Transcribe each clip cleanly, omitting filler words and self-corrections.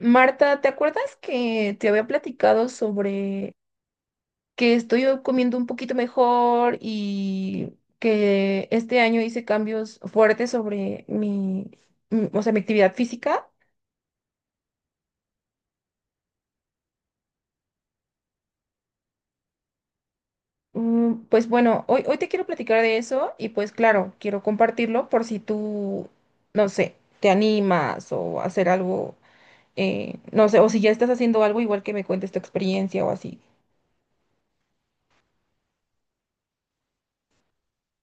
Marta, ¿te acuerdas que te había platicado sobre que estoy comiendo un poquito mejor y que este año hice cambios fuertes sobre mi, mi actividad física? Pues bueno, hoy te quiero platicar de eso y pues claro, quiero compartirlo por si tú, no sé, te animas o hacer algo, no sé, o si ya estás haciendo algo igual que me cuentes tu experiencia o así.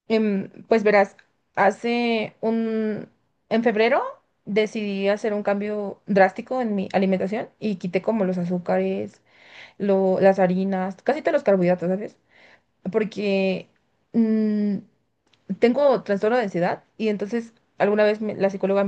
Pues verás, hace un... En febrero decidí hacer un cambio drástico en mi alimentación y quité como los azúcares, las harinas, casi todos los carbohidratos, ¿sabes? Porque mm, tengo trastorno de ansiedad y entonces alguna vez la psicóloga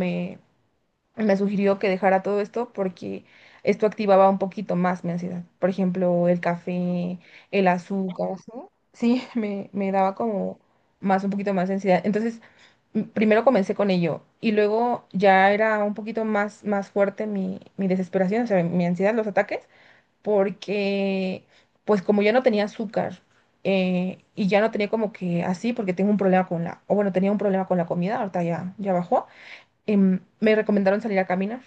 me sugirió que dejara todo esto porque esto activaba un poquito más mi ansiedad. Por ejemplo, el café, el azúcar, ¿sí? Sí, me daba como más, un poquito más de ansiedad. Entonces, primero comencé con ello y luego ya era un poquito más, más fuerte mi desesperación, o sea, mi ansiedad, los ataques, porque pues como ya no tenía azúcar. Y ya no tenía como que así porque tengo un problema con la, o bueno, tenía un problema con la comida, ahorita ya bajó. Me recomendaron salir a caminar.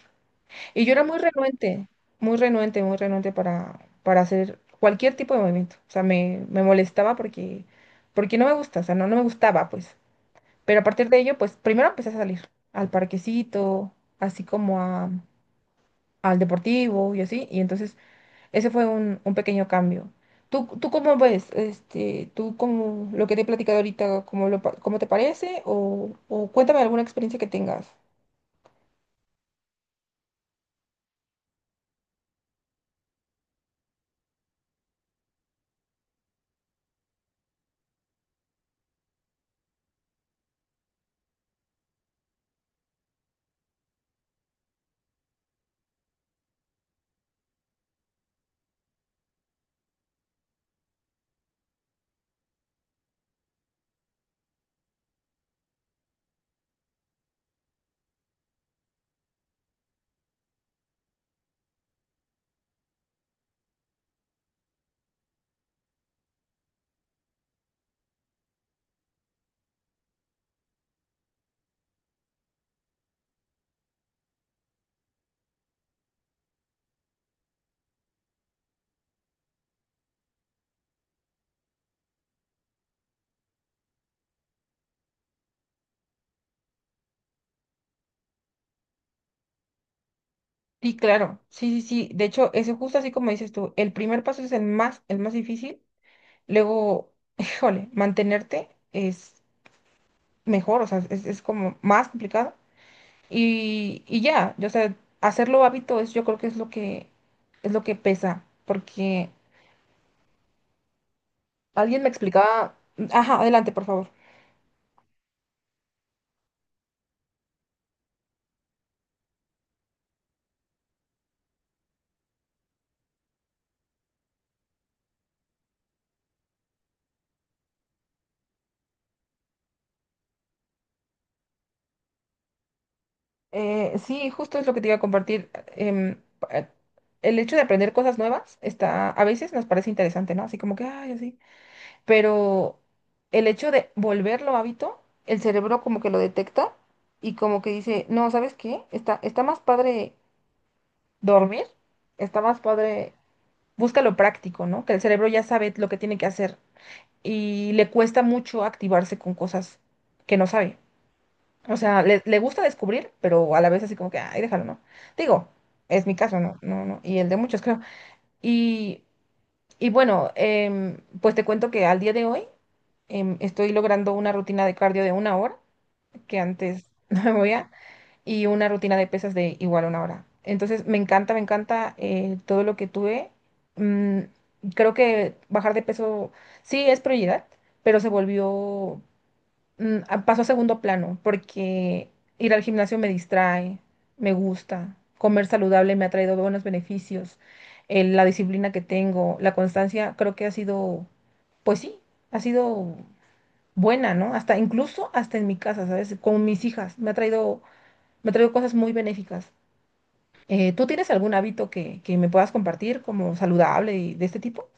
Y yo era muy renuente, muy renuente, muy renuente para hacer cualquier tipo de movimiento. O sea, me molestaba porque, porque no me gusta, o sea, no, no me gustaba, pues. Pero a partir de ello, pues primero empecé a salir al parquecito, así como al deportivo y así. Y entonces ese fue un pequeño cambio. Tú cómo ves? Este, ¿tú cómo lo que te he platicado ahorita, cómo, cómo te parece? O cuéntame alguna experiencia que tengas. Sí, claro, sí, sí, sí. De hecho, ese justo así como dices tú, el primer paso es el más difícil. Luego, híjole, mantenerte es mejor, o sea, es como más complicado. Y ya, yo, o sea, hacerlo hábito es, yo creo que es lo que, es lo que pesa, porque alguien me explicaba, ajá, adelante, por favor. Sí, justo es lo que te iba a compartir. em, eh, el hecho de aprender cosas nuevas está, a veces nos parece interesante, ¿no? Así como que, ay, así. Pero el hecho de volverlo hábito, el cerebro como que lo detecta y como que dice, no, ¿sabes qué? Está, está más padre dormir, está más padre, busca lo práctico, ¿no? Que el cerebro ya sabe lo que tiene que hacer y le cuesta mucho activarse con cosas que no sabe. O sea, le gusta descubrir, pero a la vez así como que, ay, déjalo, ¿no? Digo, es mi caso, ¿no? No, no, y el de muchos creo. Y, y bueno, pues te cuento que al día de hoy estoy logrando una rutina de cardio de una hora, que antes no me movía, y una rutina de pesas de igual una hora. Entonces, me encanta todo lo que tuve. Mm, Creo que bajar de peso sí es prioridad, pero se volvió, pasó a segundo plano, porque ir al gimnasio me distrae, me gusta, comer saludable me ha traído buenos beneficios. La disciplina que tengo, la constancia, creo que ha sido pues sí, ha sido buena, ¿no? Hasta incluso hasta en mi casa, ¿sabes? Con mis hijas, me ha traído cosas muy benéficas. ¿Tú tienes algún hábito que me puedas compartir como saludable y de este tipo?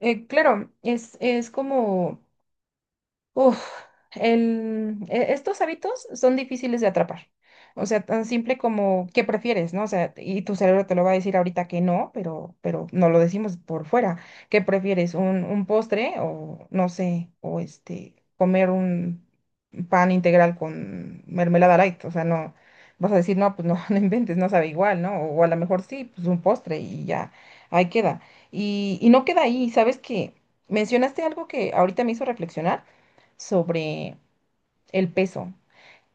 Claro, es como... Uf, estos hábitos son difíciles de atrapar. O sea, tan simple como qué prefieres, ¿no? O sea, y tu cerebro te lo va a decir ahorita que no, pero no lo decimos por fuera. ¿Qué prefieres? Un postre o no sé, o este, comer un pan integral con mermelada light? O sea, no, vas a decir, no, pues no, no inventes, no sabe igual, ¿no? O, a lo mejor sí, pues un postre y ya, ahí queda. Y no queda ahí, ¿sabes qué? Mencionaste algo que ahorita me hizo reflexionar sobre el peso.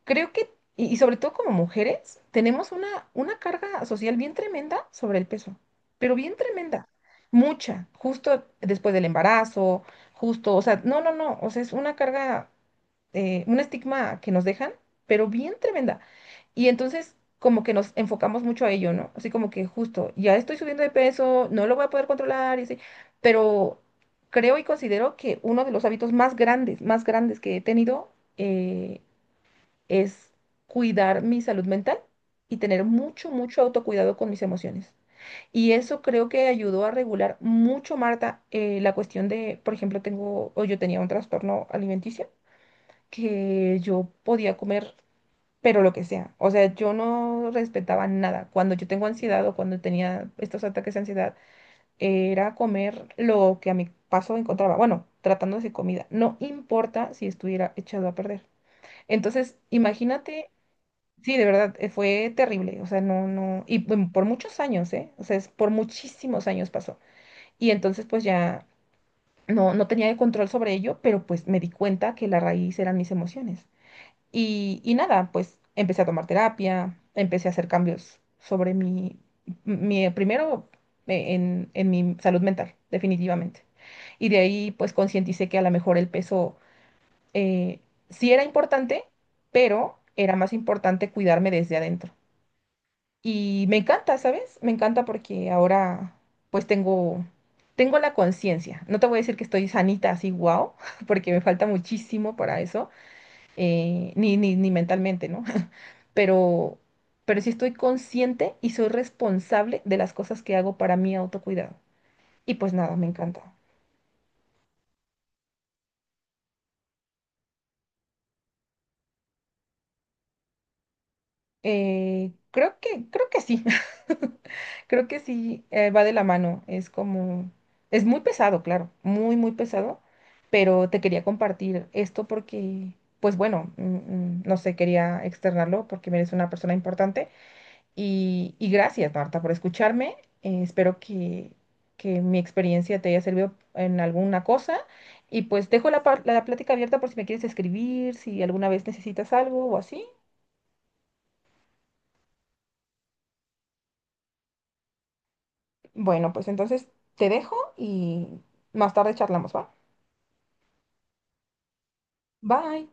Creo que, y sobre todo como mujeres, tenemos una carga social bien tremenda sobre el peso, pero bien tremenda, mucha, justo después del embarazo, justo, o sea, no, no, no, o sea, es una carga, un estigma que nos dejan, pero bien tremenda. Y entonces como que nos enfocamos mucho a ello, ¿no? Así como que justo, ya estoy subiendo de peso, no lo voy a poder controlar, y así, pero creo y considero que uno de los hábitos más grandes que he tenido es cuidar mi salud mental y tener mucho, mucho autocuidado con mis emociones. Y eso creo que ayudó a regular mucho, Marta, la cuestión de, por ejemplo, tengo, o yo tenía un trastorno alimenticio, que yo podía comer pero lo que sea. O sea, yo no respetaba nada. Cuando yo tengo ansiedad o cuando tenía estos ataques de ansiedad, era comer lo que a mi paso encontraba. Bueno, tratándose de comida. No importa si estuviera echado a perder. Entonces, imagínate, sí, de verdad, fue terrible. O sea, no, no. Y bueno, por muchos años, ¿eh? O sea, es por muchísimos años pasó. Y entonces, pues ya. No, no tenía el control sobre ello, pero pues me di cuenta que la raíz eran mis emociones. Y nada, pues empecé a tomar terapia, empecé a hacer cambios sobre mi, mi primero en mi salud mental, definitivamente. Y de ahí pues concienticé que a lo mejor el peso eh, sí era importante, pero era más importante cuidarme desde adentro. Y me encanta, ¿sabes? Me encanta porque ahora pues tengo, tengo la conciencia. No te voy a decir que estoy sanita así, wow, porque me falta muchísimo para eso, ni, ni mentalmente, ¿no? pero, pero sí estoy consciente y soy responsable de las cosas que hago para mi autocuidado. Y pues nada, me encanta. Creo que sí. Creo que sí, va de la mano. Es como, es muy pesado, claro, muy, muy pesado, pero te quería compartir esto porque, pues bueno, no sé, quería externarlo porque eres una persona importante. Y gracias, Marta, por escucharme. Espero que mi experiencia te haya servido en alguna cosa. Y pues dejo la, la plática abierta por si me quieres escribir, si alguna vez necesitas algo o así. Bueno, pues entonces te dejo y más tarde charlamos, ¿va? Bye.